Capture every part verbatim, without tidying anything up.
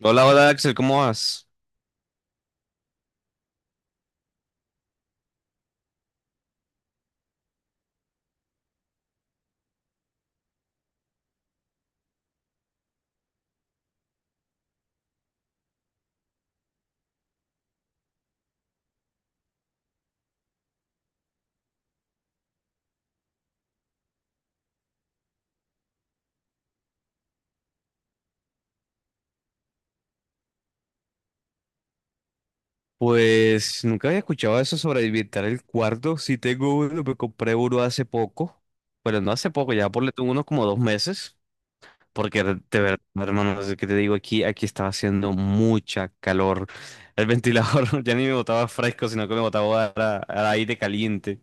Hola, hola Axel, ¿cómo vas? Pues nunca había escuchado eso sobre habitar el cuarto. Sí tengo uno, me compré uno hace poco. Bueno, no hace poco, ya por tuve unos como dos meses. Porque de de verdad, hermano, no sé qué te digo, aquí, aquí estaba haciendo mucha calor. El ventilador ya ni me botaba fresco, sino que me botaba a- a- aire caliente.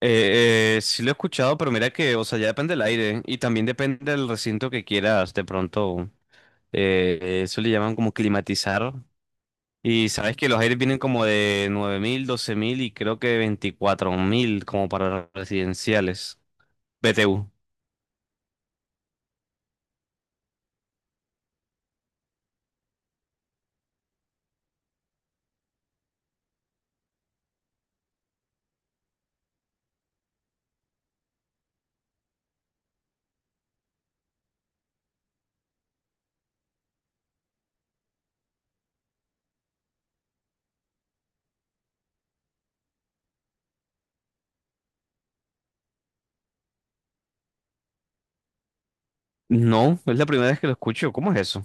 Eh, eh, sí lo he escuchado, pero mira que, o sea, ya depende del aire, ¿eh? Y también depende del recinto que quieras. De pronto, eh, eso le llaman como climatizar. Y sabes que los aires vienen como de nueve mil, doce mil y creo que veinticuatro mil, como para residenciales. B T U. No, es la primera vez que lo escucho. ¿Cómo es eso?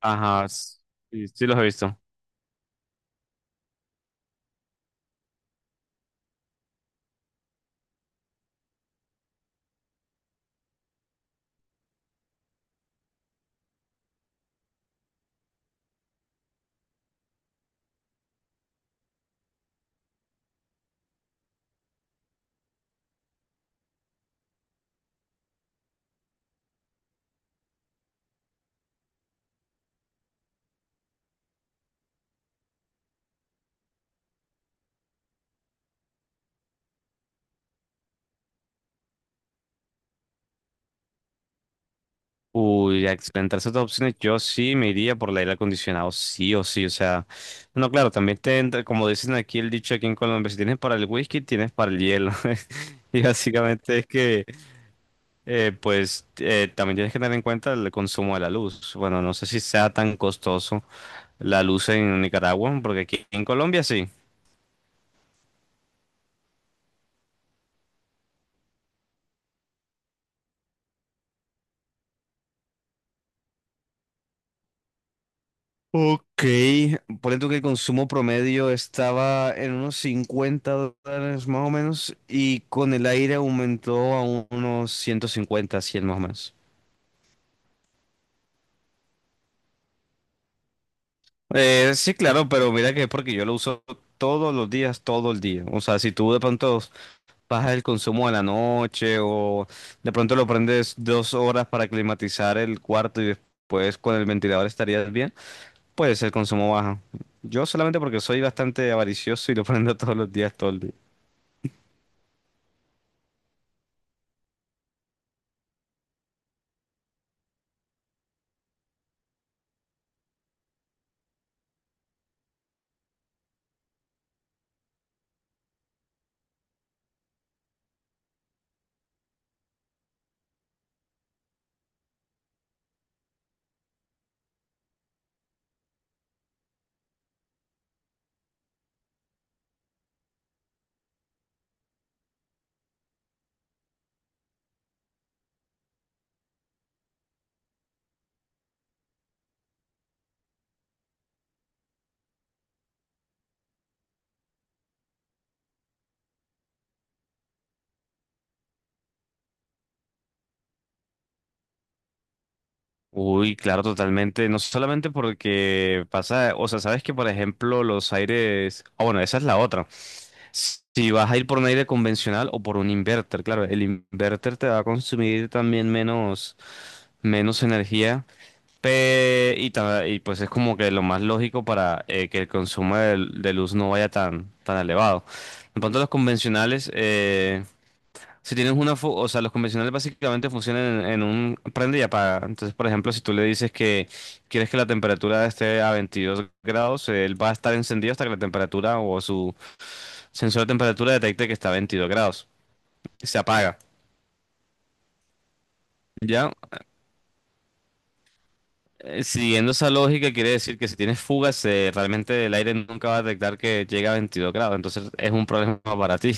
Ajá, s- sí, sí los he visto. Uy, a experimentar ciertas opciones, yo sí me iría por el aire acondicionado, sí o sí. O sea, no, claro, también te entra, como dicen aquí el dicho aquí en Colombia, si tienes para el whisky, tienes para el hielo. Y básicamente es que, eh, pues, eh, también tienes que tener en cuenta el consumo de la luz. Bueno, no sé si sea tan costoso la luz en Nicaragua, porque aquí en Colombia sí. Ok, por tú que el consumo promedio estaba en unos cincuenta dólares más o menos, y con el aire aumentó a unos ciento cincuenta, cien más o menos. Eh, sí, claro, pero mira que es porque yo lo uso todos los días, todo el día. O sea, si tú de pronto bajas el consumo a la noche o de pronto lo prendes dos horas para climatizar el cuarto, y después con el ventilador estarías bien. Puede ser consumo bajo. Yo solamente porque soy bastante avaricioso y lo prendo todos los días, todo el día. Uy, claro, totalmente. No solamente porque pasa, o sea, sabes que por ejemplo los aires, ah, bueno, esa es la otra. Si vas a ir por un aire convencional o por un inverter, claro, el inverter te va a consumir también menos, menos energía. pe- y, ta- y pues es como que lo más lógico para eh, que el consumo de, de luz no vaya tan, tan elevado. En cuanto a los convencionales, eh, si tienes una, fu- o sea, los convencionales básicamente funcionan en, en un prende y apaga. Entonces, por ejemplo, si tú le dices que quieres que la temperatura esté a veintidós grados, él va a estar encendido hasta que la temperatura o su sensor de temperatura detecte que está a veintidós grados. Se apaga. Ya. Eh, siguiendo esa lógica, quiere decir que si tienes fugas, eh, realmente el aire nunca va a detectar que llega a veintidós grados. Entonces, es un problema para ti.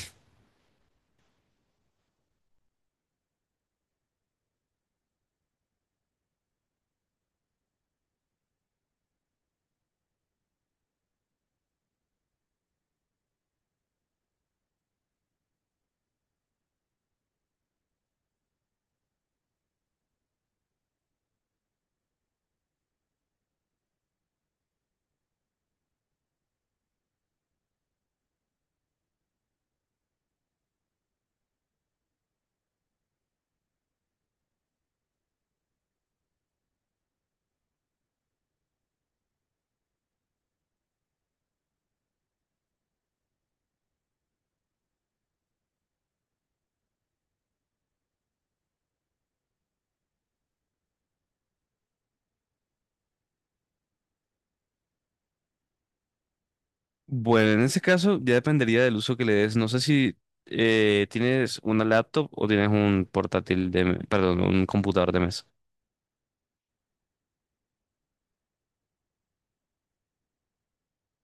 Bueno, en ese caso ya dependería del uso que le des. No sé si eh, tienes una laptop o tienes un portátil de, me- perdón, un computador de mesa.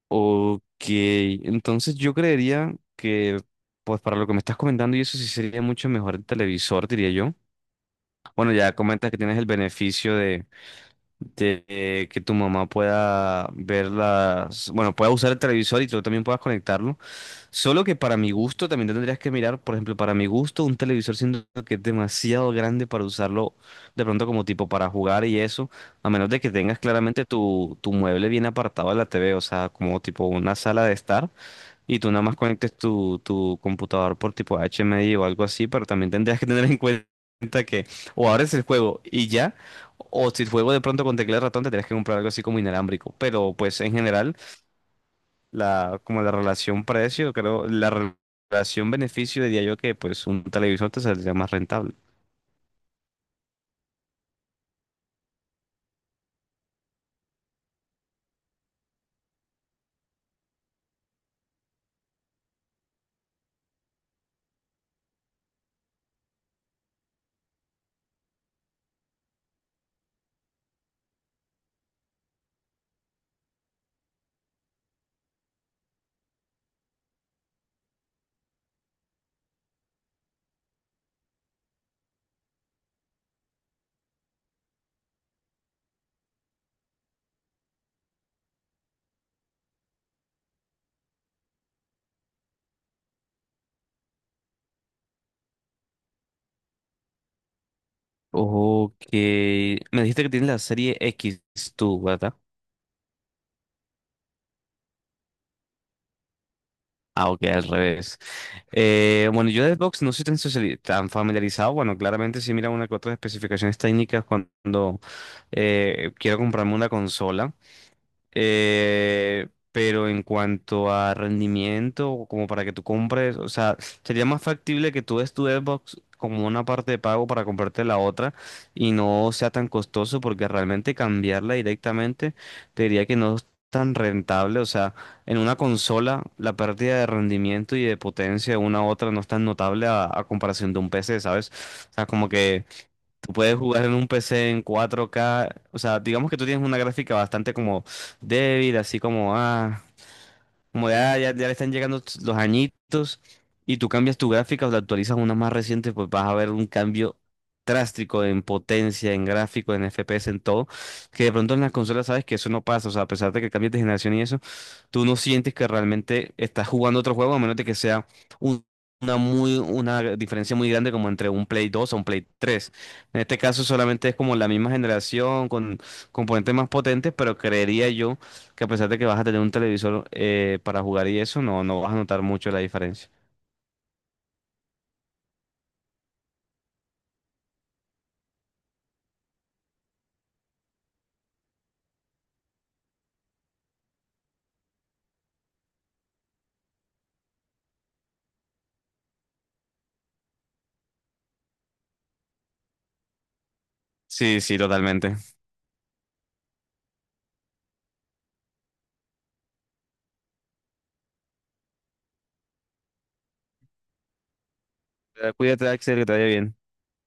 Ok, entonces yo creería que, pues, para lo que me estás comentando, y eso sí sería mucho mejor el televisor, diría yo. Bueno, ya comentas que tienes el beneficio de eh, que tu mamá pueda ver las, bueno, pueda usar el televisor y tú también puedas conectarlo. Solo que para mi gusto también tendrías que mirar, por ejemplo, para mi gusto un televisor siento que es demasiado grande para usarlo de pronto como tipo para jugar y eso, a menos de que tengas claramente tu, tu mueble bien apartado de la T V, o sea, como tipo una sala de estar. Y tú nada más conectes tu, tu computador por tipo H M I o algo así, pero también tendrías que tener en cuenta que o abres el juego y ya, o si el juego de pronto con teclado y ratón tendrías que comprar algo así como inalámbrico. Pero, pues, en general, la, como la relación precio, creo, la re- relación beneficio diría yo que, pues, un televisor te saldría más rentable. Ok, me dijiste que tienes la serie X tú, ¿verdad? Ah, ok, al revés. Eh, bueno, yo de Xbox no soy tan, sociali- tan familiarizado. Bueno, claramente sí mira una que otras especificaciones técnicas cuando eh, quiero comprarme una consola. Eh, pero en cuanto a rendimiento, o como para que tú compres, o sea, sería más factible que tú des tu Xbox como una parte de pago para comprarte la otra y no sea tan costoso, porque realmente cambiarla directamente te diría que no es tan rentable. O sea, en una consola la pérdida de rendimiento y de potencia de una a otra no es tan notable a, a comparación de un P C, ¿sabes? O sea, como que... Tú puedes jugar en un P C en cuatro K. O sea, digamos que tú tienes una gráfica bastante como débil, así como, ah, como ya, ya, ya le están llegando tus- los añitos, y tú cambias tu gráfica o la actualizas a una más reciente, pues vas a ver un cambio drástico en potencia, en gráfico, en F P S, en todo, que de pronto en las consolas sabes que eso no pasa. O sea, a pesar de que cambies de generación y eso, tú no sientes que realmente estás jugando otro juego, a menos de que sea un- una muy, una diferencia muy grande, como entre un Play dos a un Play tres. En este caso solamente es como la misma generación con componentes más potentes, pero creería yo que, a pesar de que vas a tener un televisor eh, para jugar y eso, no, no vas a notar mucho la diferencia. Sí, sí, totalmente. Eh, Cuídate, Axel, que te vaya bien.